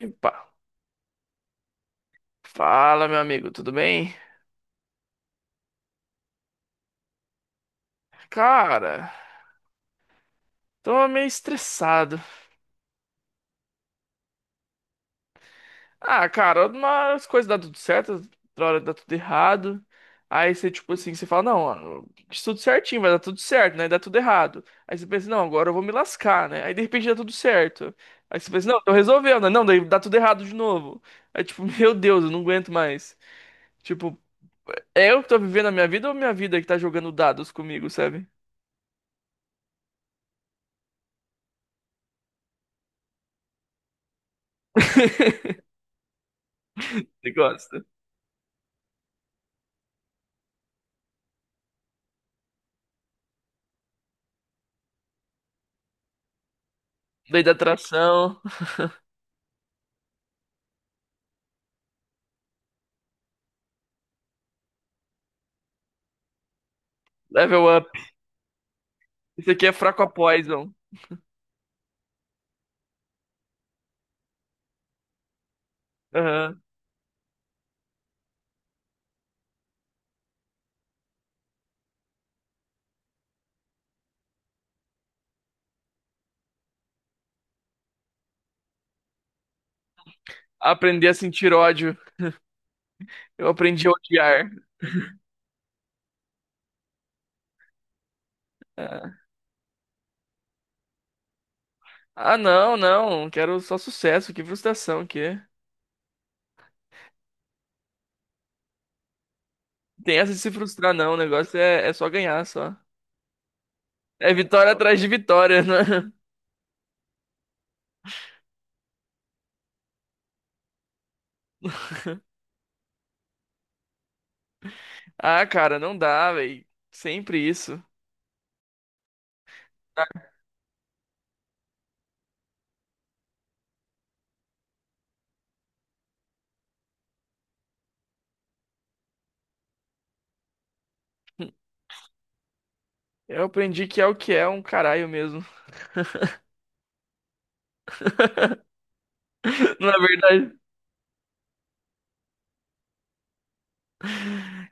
Epa. Fala, meu amigo, tudo bem? Cara, tô meio estressado. Ah, cara, umas coisas dá tudo certo, outra hora dá tudo errado. Aí você, tipo assim, você fala, não, ó, isso tudo certinho, vai dar tudo certo, né? Dá tudo errado. Aí você pensa, não, agora eu vou me lascar, né? Aí de repente dá tudo certo. Aí você pensa, não, tô resolvendo, né? Não, daí dá tudo errado de novo. Aí tipo, meu Deus, eu não aguento mais. Tipo, é eu que tô vivendo a minha vida ou minha vida que tá jogando dados comigo, sabe? Você gosta. Lei da atração, level up. Isso aqui é fraco a poison. Aham. Aprender a sentir ódio. Eu aprendi a odiar. Ah, ah, não, não. Quero só sucesso. Que frustração que. Tem essa de se frustrar, não. O negócio é, é só ganhar, só. É vitória atrás de vitória, né? Ah, cara, não dá, velho. Sempre isso. Ah, eu aprendi que é o que é um caralho mesmo. Não é verdade?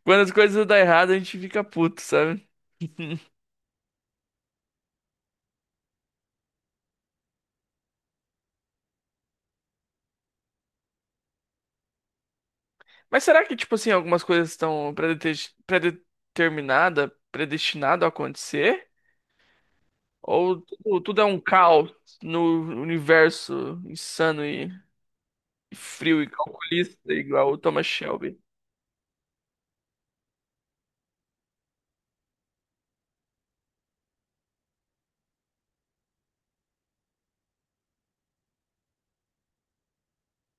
Quando as coisas dão errado, a gente fica puto, sabe? Mas será que, tipo assim, algumas coisas estão predeterminada, predestinado a acontecer? Ou tudo, tudo é um caos no universo insano e frio e calculista, igual o Thomas Shelby?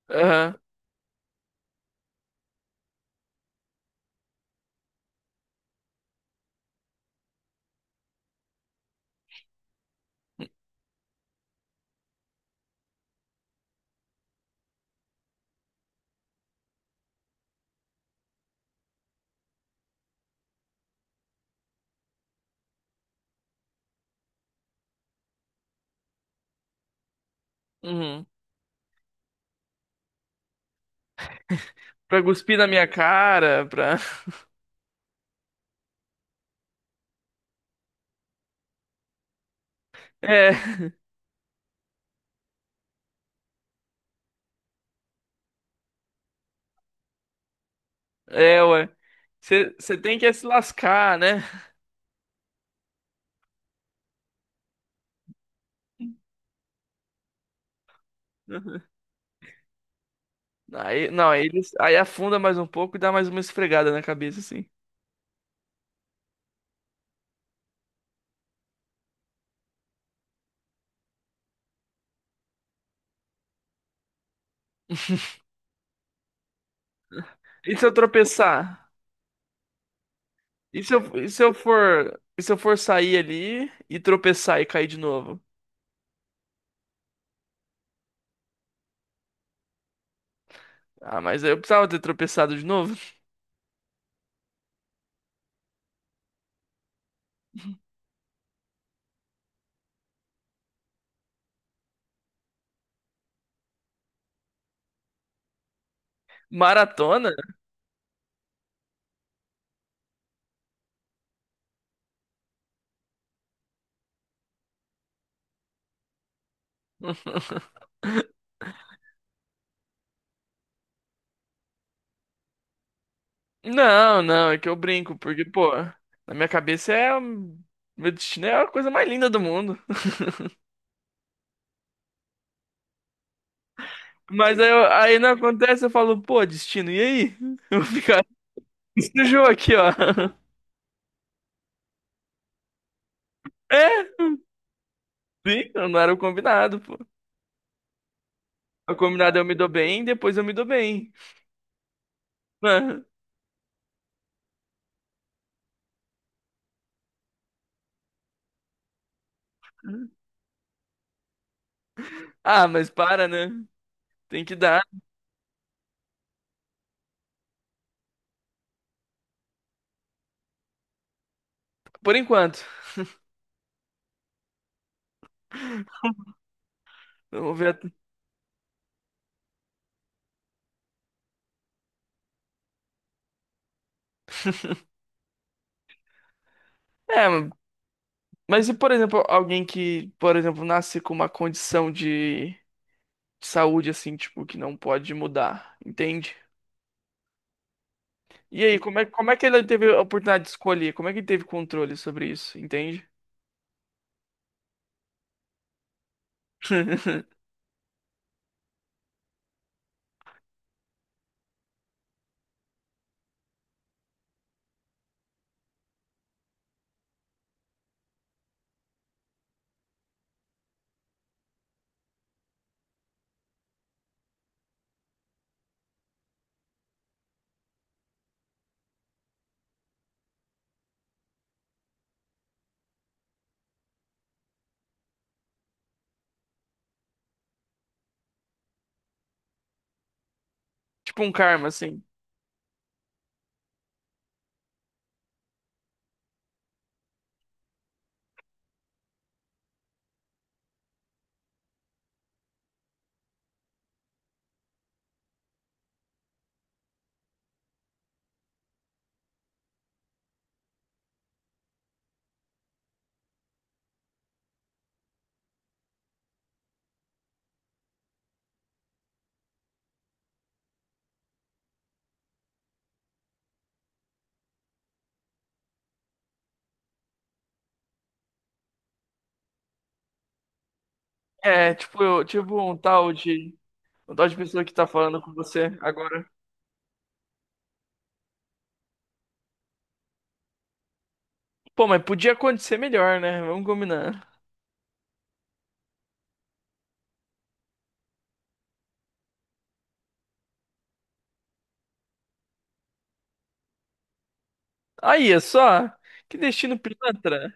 Aham. Uhum. Pra cuspir na minha cara, pra. É, é, ué. Você tem que é se lascar, né? Uhum. Aí, não, aí, aí afunda mais um pouco e dá mais uma esfregada na cabeça, assim. E se eu tropeçar? E se eu, e se eu for sair ali e tropeçar e cair de novo? Ah, mas aí eu precisava ter tropeçado de novo. Maratona? Não, não, é que eu brinco, porque, pô, na minha cabeça é. Meu destino é a coisa mais linda do mundo. Mas aí, aí não acontece, eu falo, pô, destino, e aí? Eu vou ficar nesse jogo aqui, ó. É, sim, não era o combinado, pô. O combinado é eu me dou bem, depois eu me dou bem. Ah, mas para, né? Tem que dar, por enquanto. Vamos ver. É, mas e, por exemplo, alguém que, por exemplo, nasce com uma condição de saúde, assim, tipo, que não pode mudar, entende? E aí, como é que ele teve a oportunidade de escolher? Como é que ele teve controle sobre isso, entende? Tipo um karma, assim. É, tipo, tipo um tal de pessoa que tá falando com você agora. Pô, mas podia acontecer melhor, né? Vamos combinar. Aí, é só. Que destino pilantra.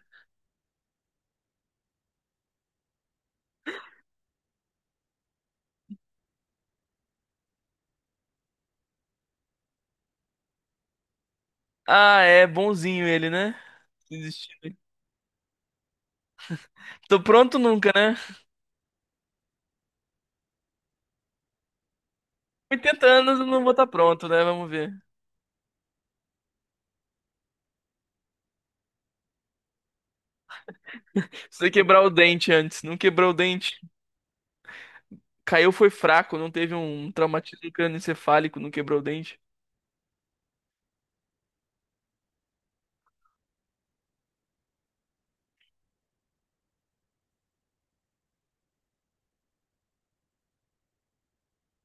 Ah, é bonzinho ele, né? Desistindo. Tô pronto nunca, né? 80 anos eu não vou estar pronto, né? Vamos ver. Precisa quebrar o dente antes. Não quebrou o dente. Caiu foi fraco, não teve um traumatismo crânioencefálico, não quebrou o dente.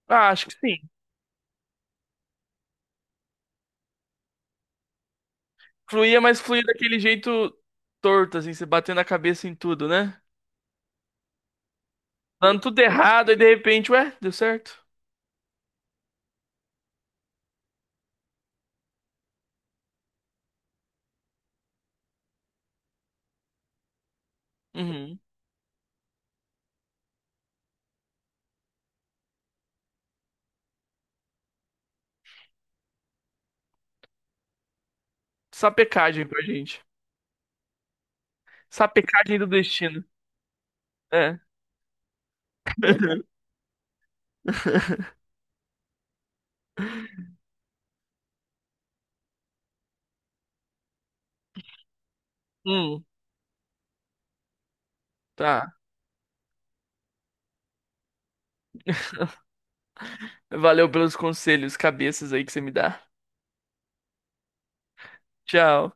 Ah, acho que sim. Fluía, mas fluía daquele jeito torto, assim, você batendo a cabeça em tudo, né? Dando tudo errado, e de repente, ué, deu certo. Uhum. Sapecagem pra gente. Sapecagem do destino. É. Hum, tá. Valeu pelos conselhos, cabeças aí que você me dá. Tchau.